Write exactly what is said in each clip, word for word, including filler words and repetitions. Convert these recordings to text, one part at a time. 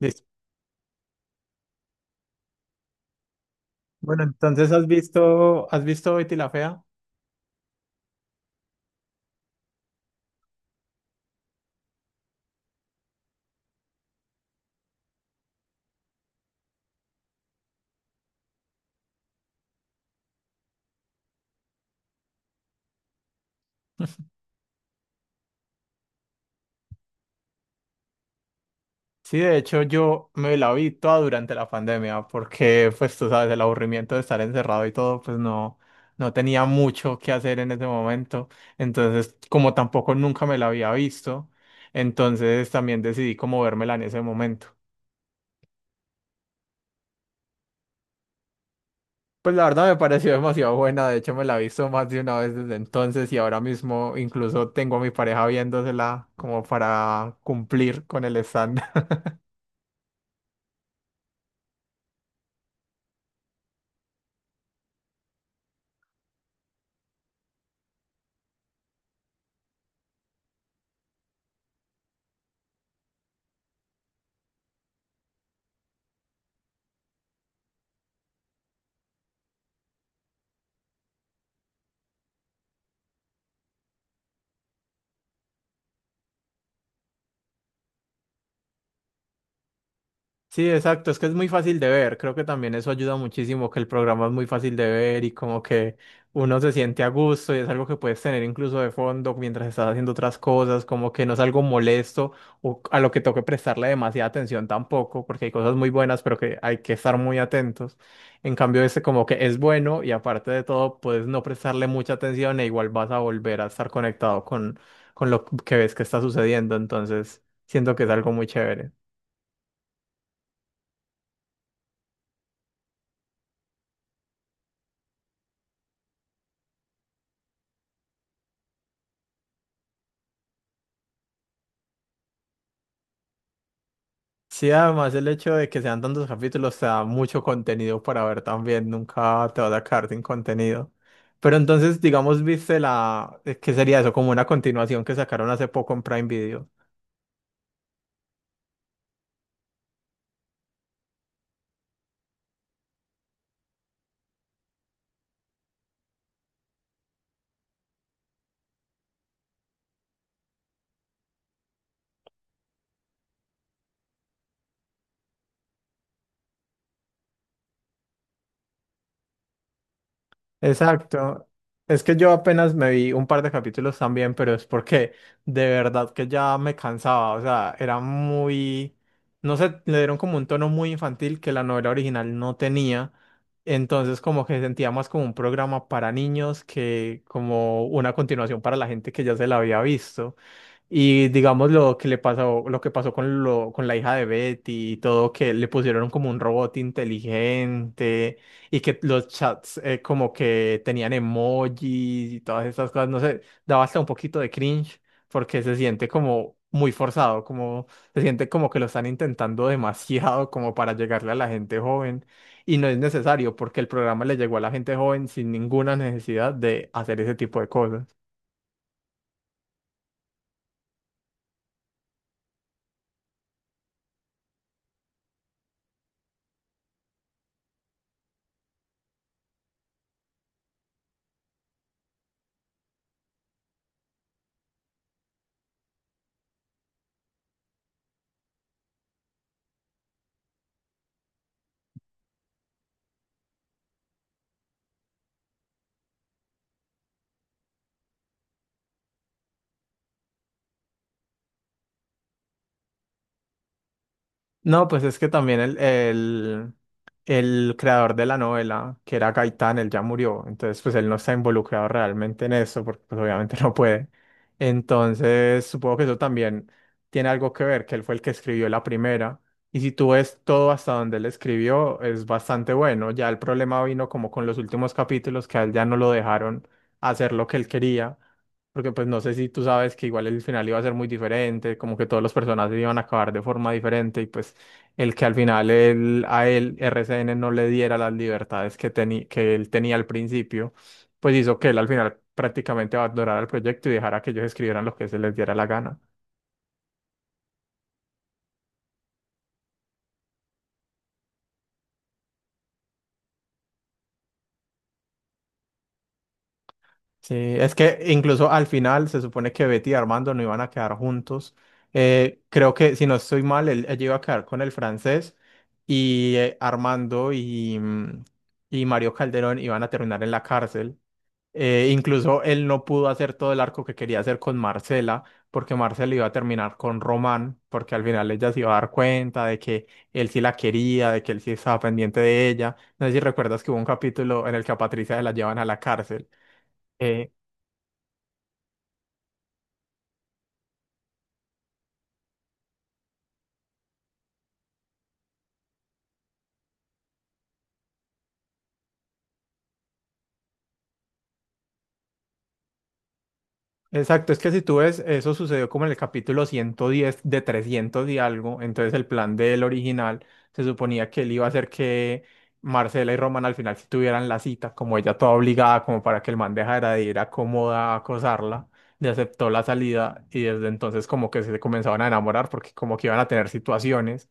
Listo. Bueno, entonces has visto, ¿has visto Betty la Fea? Sí, de hecho yo me la vi toda durante la pandemia porque pues tú sabes, el aburrimiento de estar encerrado y todo, pues no, no tenía mucho que hacer en ese momento. Entonces, como tampoco nunca me la había visto, entonces también decidí como vérmela en ese momento. Pues la verdad me pareció demasiado buena, de hecho me la he visto más de una vez desde entonces y ahora mismo incluso tengo a mi pareja viéndosela como para cumplir con el estándar. Sí, exacto, es que es muy fácil de ver, creo que también eso ayuda muchísimo, que el programa es muy fácil de ver y como que uno se siente a gusto y es algo que puedes tener incluso de fondo mientras estás haciendo otras cosas, como que no es algo molesto o a lo que toque prestarle demasiada atención tampoco, porque hay cosas muy buenas, pero que hay que estar muy atentos. En cambio, este como que es bueno y aparte de todo, puedes no prestarle mucha atención e igual vas a volver a estar conectado con, con lo que ves que está sucediendo, entonces siento que es algo muy chévere. Sí, además el hecho de que sean tantos capítulos te da mucho contenido para ver también, nunca te vas a quedar sin contenido. Pero entonces, digamos, viste la, eh, ¿qué sería eso? Como una continuación que sacaron hace poco en Prime Video. Exacto. Es que yo apenas me vi un par de capítulos también, pero es porque de verdad que ya me cansaba. O sea, era muy, no sé, le dieron como un tono muy infantil que la novela original no tenía. Entonces como que sentía más como un programa para niños que como una continuación para la gente que ya se la había visto. Y digamos lo que le pasó, lo que pasó con lo, con la hija de Betty y todo, que le pusieron como un robot inteligente y que los chats eh, como que tenían emojis y todas estas cosas, no sé, daba hasta un poquito de cringe porque se siente como muy forzado, como se siente como que lo están intentando demasiado como para llegarle a la gente joven y no es necesario porque el programa le llegó a la gente joven sin ninguna necesidad de hacer ese tipo de cosas. No, pues es que también el, el, el creador de la novela, que era Gaitán, él ya murió, entonces pues él no está involucrado realmente en eso, porque pues obviamente no puede. Entonces supongo que eso también tiene algo que ver, que él fue el que escribió la primera, y si tú ves todo hasta donde él escribió, es bastante bueno, ya el problema vino como con los últimos capítulos, que a él ya no lo dejaron hacer lo que él quería. Porque pues no sé si tú sabes que igual el final iba a ser muy diferente, como que todos los personajes iban a acabar de forma diferente y pues el que al final él, a él R C N no le diera las libertades que, teni- que él tenía al principio, pues hizo que él al final prácticamente abandonara el proyecto y dejara que ellos escribieran lo que se les diera la gana. Sí, es que incluso al final se supone que Betty y Armando no iban a quedar juntos. Eh, creo que, si no estoy mal, él, ella iba a quedar con el francés y eh, Armando y, mm, y Mario Calderón iban a terminar en la cárcel. Eh, incluso él no pudo hacer todo el arco que quería hacer con Marcela, porque Marcela iba a terminar con Román, porque al final ella se iba a dar cuenta de que él sí la quería, de que él sí estaba pendiente de ella. No sé si recuerdas que hubo un capítulo en el que a Patricia se la llevan a la cárcel. eh, Exacto, es que si tú ves, eso sucedió como en el capítulo ciento diez de trescientos y algo, entonces el plan del original se suponía que él iba a hacer que Marcela y Roman al final sí tuvieran la cita, como ella toda obligada, como para que el man dejara de ir a cómoda a acosarla, le aceptó la salida y desde entonces como que se comenzaban a enamorar porque como que iban a tener situaciones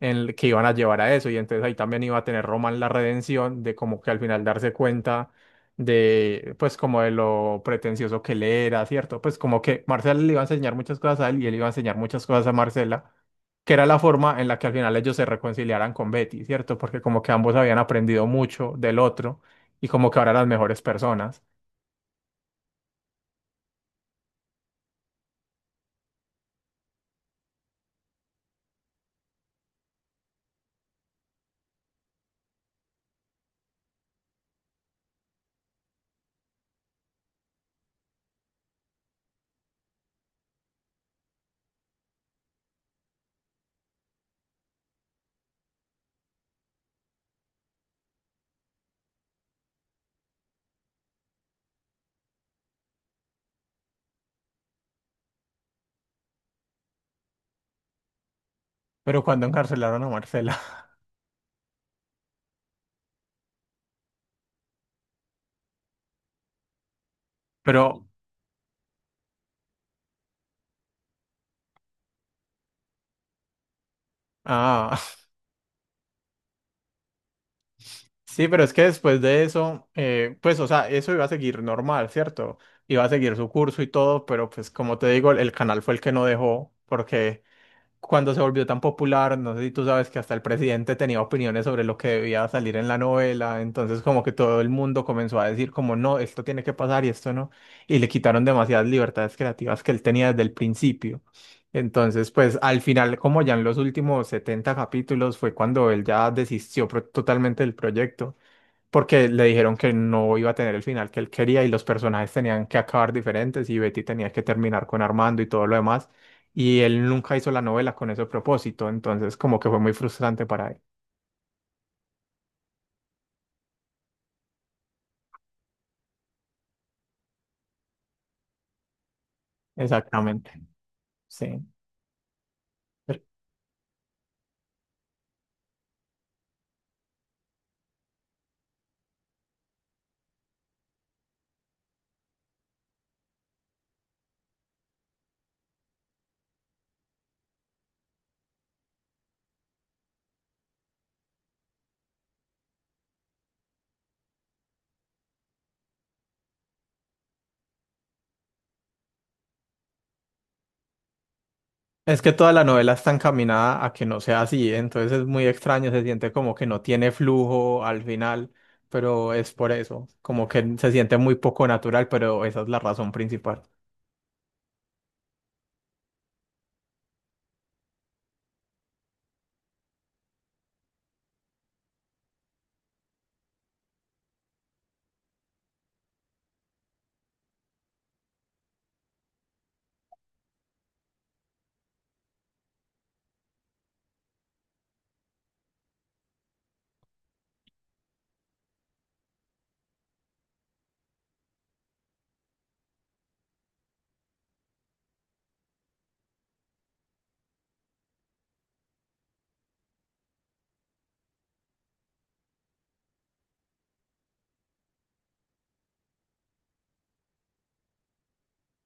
en el que iban a llevar a eso. Y entonces ahí también iba a tener Roman la redención de como que al final darse cuenta de, pues como de lo pretencioso que él era, ¿cierto? Pues como que Marcela le iba a enseñar muchas cosas a él y él iba a enseñar muchas cosas a Marcela, que era la forma en la que al final ellos se reconciliaran con Betty, ¿cierto? Porque como que ambos habían aprendido mucho del otro y como que ahora eran las mejores personas. Pero cuando encarcelaron a Marcela. Pero, ah, Sí, pero es que después de eso, eh, pues, o sea, eso iba a seguir normal, ¿cierto? Iba a seguir su curso y todo, pero pues como te digo, el el canal fue el que no dejó, porque cuando se volvió tan popular, no sé si tú sabes que hasta el presidente tenía opiniones sobre lo que debía salir en la novela, entonces como que todo el mundo comenzó a decir como, no, esto tiene que pasar y esto no, y le quitaron demasiadas libertades creativas que él tenía desde el principio. Entonces, pues al final, como ya en los últimos setenta capítulos, fue cuando él ya desistió pro- totalmente del proyecto porque le dijeron que no iba a tener el final que él quería y los personajes tenían que acabar diferentes y Betty tenía que terminar con Armando y todo lo demás. Y él nunca hizo la novela con ese propósito, entonces como que fue muy frustrante para él. Exactamente, sí. Pero es que toda la novela está encaminada a que no sea así, entonces es muy extraño, se siente como que no tiene flujo al final, pero es por eso, como que se siente muy poco natural, pero esa es la razón principal.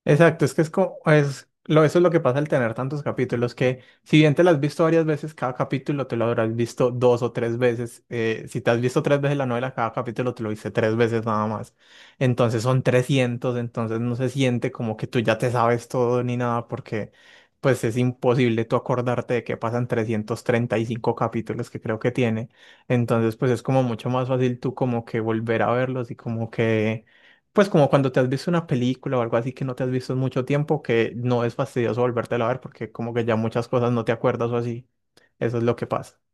Exacto, es que es como, es, lo, eso es lo que pasa al tener tantos capítulos, que si bien te lo has visto varias veces, cada capítulo te lo habrás visto dos o tres veces. Eh, si te has visto tres veces la novela, cada capítulo te lo viste tres veces nada más. Entonces son trescientos, entonces no se siente como que tú ya te sabes todo ni nada, porque pues es imposible tú acordarte de que pasan trescientos treinta y cinco capítulos que creo que tiene. Entonces pues es como mucho más fácil tú como que volver a verlos y como que pues como cuando te has visto una película o algo así que no te has visto en mucho tiempo, que no es fastidioso volvértela a ver porque como que ya muchas cosas no te acuerdas o así. Eso es lo que pasa.